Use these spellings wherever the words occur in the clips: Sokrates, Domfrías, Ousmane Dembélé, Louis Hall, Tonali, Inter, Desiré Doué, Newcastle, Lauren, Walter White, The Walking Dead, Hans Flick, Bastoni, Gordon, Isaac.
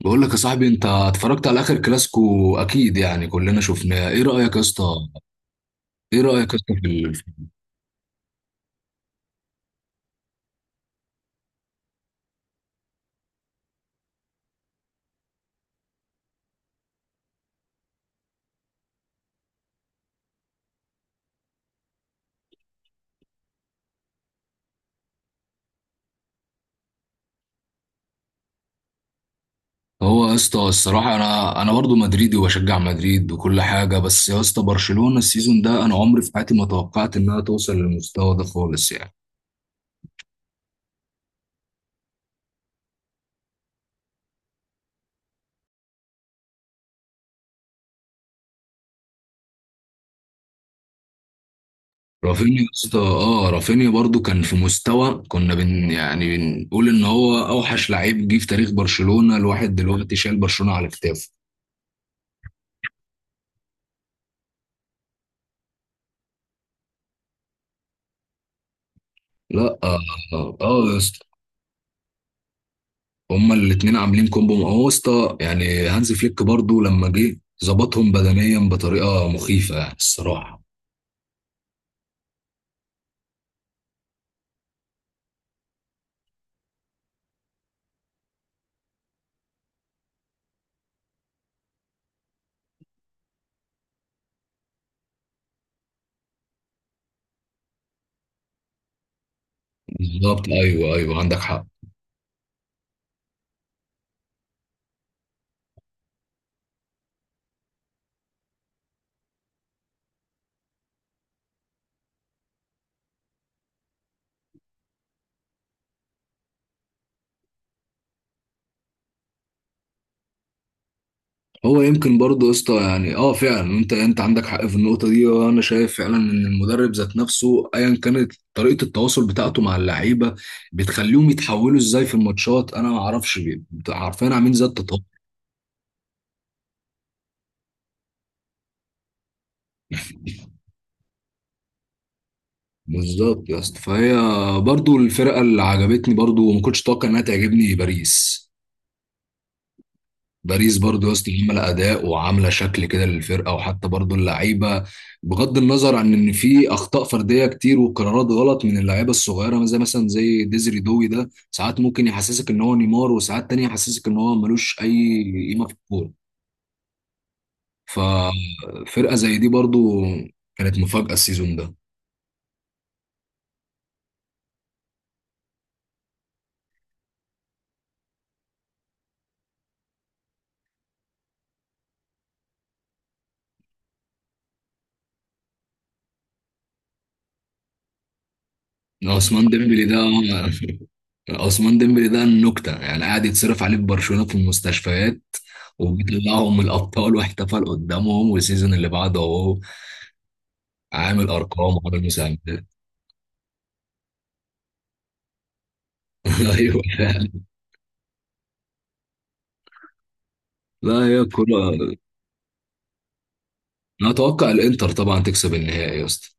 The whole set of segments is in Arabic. بقول لك يا صاحبي، انت اتفرجت على اخر كلاسيكو اكيد، يعني كلنا شفناه. ايه رايك يا اسطى؟ ايه رايك يا اسطى في هو يا اسطى الصراحه انا برضو مدريدي وبشجع مدريد وكل حاجه، بس يا اسطى برشلونه السيزون ده انا عمري في حياتي ما توقعت انها توصل للمستوى ده خالص يعني. رافينيا يا اسطى، اه، رافينيا برضو كان في مستوى كنا بن يعني بنقول ان هو اوحش لعيب جه في تاريخ برشلونه. الواحد دلوقتي شايل برشلونه على كتافه. لا اه، آه آه، يا اسطى هما الاتنين عاملين كومبو. ما هو اسطى يعني هانز فليك برضو لما جه ظبطهم بدنيا بطريقه مخيفه يعني الصراحه. بالظبط، ايوه ايوه، عندك حق. هو يمكن برضو يا اسطى يعني اه فعلا انت عندك حق في النقطه دي، وانا شايف فعلا ان المدرب ذات نفسه ايا كانت طريقه التواصل بتاعته مع اللعيبه بتخليهم يتحولوا ازاي في الماتشات. انا ما اعرفش عارفين عاملين زي التطور. بالظبط يا اسطى. فهي برضو الفرقه اللي عجبتني، برضو وما كنتش اتوقع انها تعجبني، باريس. باريس برضو يا اسطى عامله اداء وعامله شكل كده للفرقه، وحتى برضو اللعيبه، بغض النظر عن ان في اخطاء فرديه كتير وقرارات غلط من اللعيبه الصغيره، زي مثلا زي ديزري دوي ده، ساعات ممكن يحسسك ان هو نيمار وساعات تانية يحسسك ان هو ملوش اي قيمه في الكوره. ففرقه زي دي برضو كانت مفاجاه السيزون ده. عثمان ديمبلي ده عثمان ديمبلي ده النكتة، يعني قاعد يتصرف عليه في برشلونة في المستشفيات وبيطلعهم من الأبطال، واحتفل قدامهم، والسيزون اللي بعده أهو عامل أرقام وعامل مساهمات. أيوه فعلا. لا هي الكورة. أنا أتوقع الإنتر طبعا تكسب النهائي يا اسطى.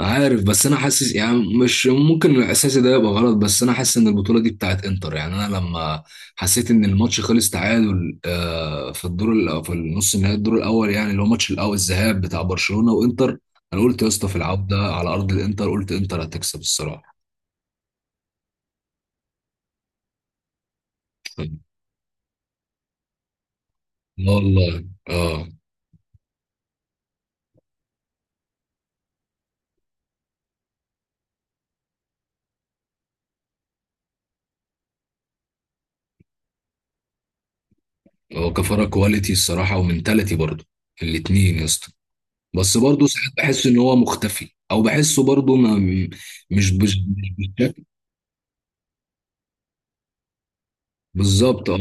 عارف، بس انا حاسس، يعني مش ممكن الاحساس ده يبقى غلط، بس انا حاسس ان البطوله دي بتاعت انتر. يعني انا لما حسيت ان الماتش خلص تعادل، آه، في في النص النهائي الدور الاول، يعني اللي هو ماتش الاول الذهاب بتاع برشلونه وانتر، انا قلت يا اسطى في العوده على ارض الانتر، قلت انتر هتكسب الصراحه. لا والله اه. هو كفاره كواليتي الصراحه ومنتاليتي برضه، الاتنين يا اسطى. بس برضه ساعات بحس ان هو مختفي، او بحسه برضه مش بالشكل. بالظبط اه.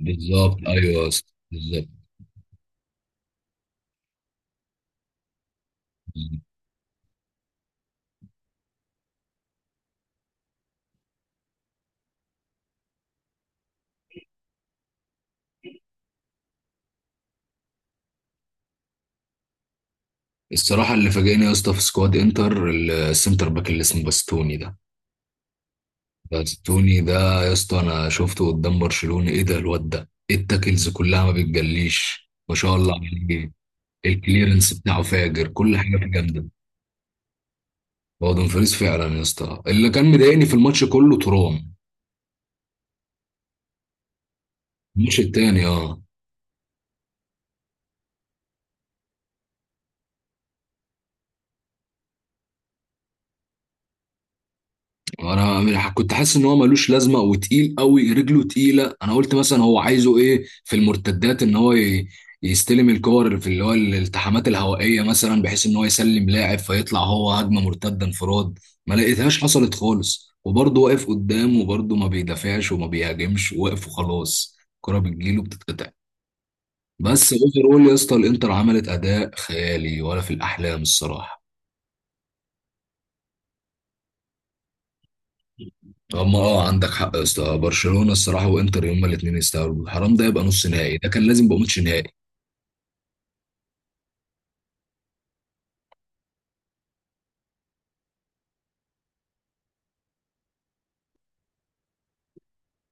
بالظبط، ايوه يا اسطى، بالظبط. بالظبط. الصراحه اللي فاجئني يا اسطى في سكواد انتر السنتر باك اللي اسمه باستوني ده. باستوني ده يا اسطى انا شفته قدام برشلونه، ايه ده الواد ده؟ إيه التاكلز كلها ما بتجليش، ما شاء الله عليه. الكليرنس بتاعه فاجر، كل حاجه فيه جامده. هو دومفريز فعلا يا اسطى اللي كان مضايقني في الماتش كله، ترام. الماتش التاني اه. كنت حاسس ان هو ملوش لازمه، وتقيل قوي، رجله تقيله. انا قلت مثلا هو عايزه ايه في المرتدات، ان يستلم الكور في اللي هو الالتحامات الهوائيه مثلا، بحيث ان هو يسلم لاعب فيطلع هو هجمه مرتده انفراد. ما لقيتهاش حصلت خالص، وبرضه واقف قدام، وبرضه ما بيدافعش وما بيهاجمش، واقف وخلاص، الكره بتجيله بتتقطع. بس اوفر اول يا اسطى الانتر عملت اداء خيالي، ولا في الاحلام الصراحه. هم اه عندك حق يا اسطى، برشلونه الصراحه وانتر هما الاثنين يستاهلوا. حرام ده يبقى نص نهائي، ده كان لازم يبقى ماتش نهائي.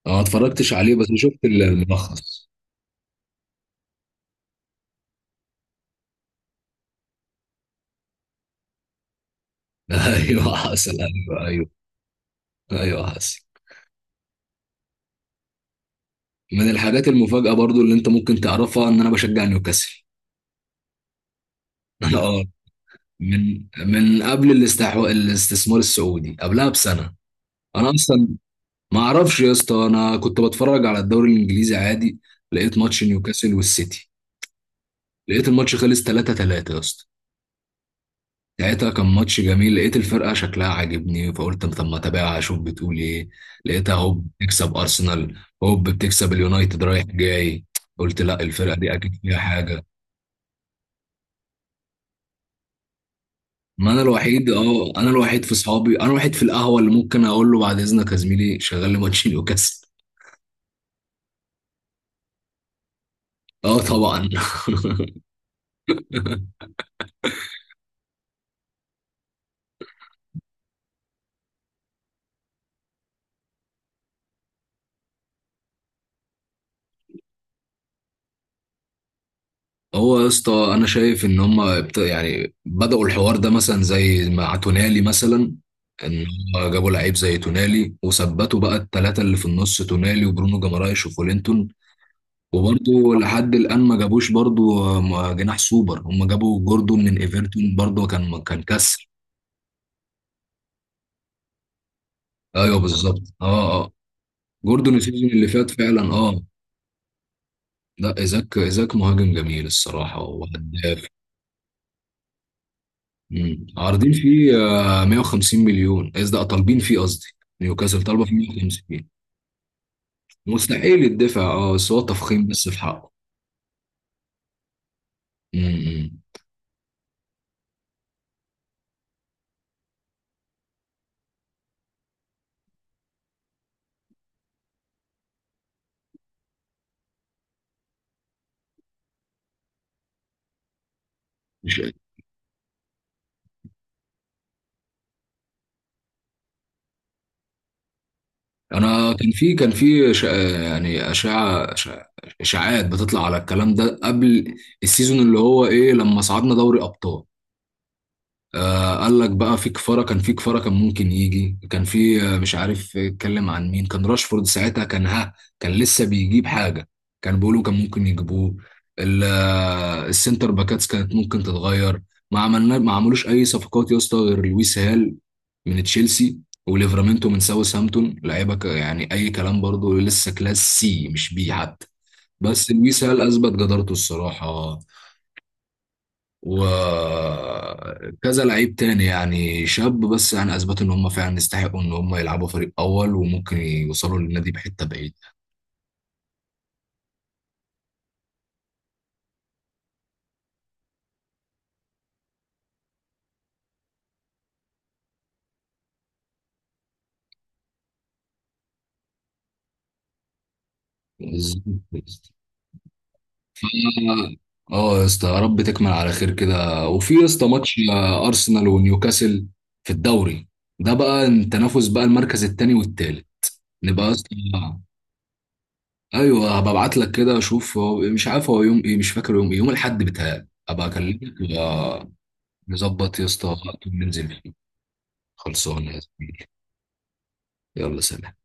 انا ما اتفرجتش عليه، بس شفت الملخص. ايوه حصل، ايوه ايوه. ايوه حصل. من الحاجات المفاجاه برضو اللي انت ممكن تعرفها ان انا بشجع نيوكاسل. انا اه، من قبل الاستحواء الاستثمار السعودي، قبلها بسنه. انا اصلا ما اعرفش يا اسطى، انا كنت بتفرج على الدوري الانجليزي عادي، لقيت ماتش نيوكاسل والسيتي، لقيت الماتش خلص 3 3 يا اسطى. ساعتها كان ماتش جميل، لقيت الفرقة شكلها عاجبني، فقلت طب ما اتابعها اشوف بتقول ايه. لقيتها هوب بتكسب ارسنال، هوب بتكسب اليونايتد رايح جاي. قلت لا، الفرقة دي اكيد فيها حاجة. ما انا الوحيد، اه انا الوحيد في صحابي، انا الوحيد في القهوة اللي ممكن اقول له بعد اذنك يا زميلي شغل لي ماتش نيوكاسل. اه طبعا. هو يا اسطى انا شايف ان هم يعني بدأوا الحوار ده، مثلا زي مع تونالي مثلا، ان هم جابوا لعيب زي تونالي وثبتوا بقى الثلاثه اللي في النص، تونالي وبرونو جمارايش وفولينتون. وبرضه لحد الان ما جابوش برضه جناح سوبر. هم جابوا جوردون من ايفرتون، برضه كان كسر. ايوه بالظبط، اه اه. جوردون السيزون اللي فات فعلا اه. لا ايزاك، ايزاك مهاجم جميل الصراحه وهداف. مم. عارضين فيه آه، 150 مليون، قصدي آه، طالبين فيه، قصدي نيوكاسل طالبه فيه 150. مستحيل يدفع اه، بس هو تفخيم بس في حقه. مم. مش انا، يعني اشاعات بتطلع على الكلام ده قبل السيزون، اللي هو ايه، لما صعدنا دوري ابطال. آه، قال لك بقى في كفارة، كان في كفارة كان ممكن يجي، كان في آه، مش عارف اتكلم عن مين، كان راشفورد ساعتها كان ها، كان لسه بيجيب حاجة، كان بيقولوا كان ممكن يجيبوه. السنتر باكاتس كانت ممكن تتغير. ما عملوش أي صفقات يا اسطى غير لويس هال من تشيلسي، وليفرامينتو من ساوثهامبتون، يعني أي كلام، برضه لسه كلاس سي مش بي حتى. بس لويس هال أثبت جدارته الصراحة، وكذا لعيب تاني يعني شاب، بس يعني اثبتوا ان هم فعلا يستحقوا ان هم يلعبوا فريق اول، وممكن يوصلوا للنادي بحته بعيد. ف- اه يا اسطى، يا رب تكمل على خير كده. وفي يا اسطى ماتش آه، ارسنال ونيوكاسل في الدوري، ده بقى التنافس بقى المركز التاني والتالت. نبقى يا اسطى. ايوه هبعت لك كده، اشوف مش عارف هو يوم ايه، مش فاكر يوم ايه، يوم الاحد بتاعي ابقى اكلمك آه، نظبط يا اسطى وقت وننزل فيه. خلصانة يا زميلي. يلا سلام.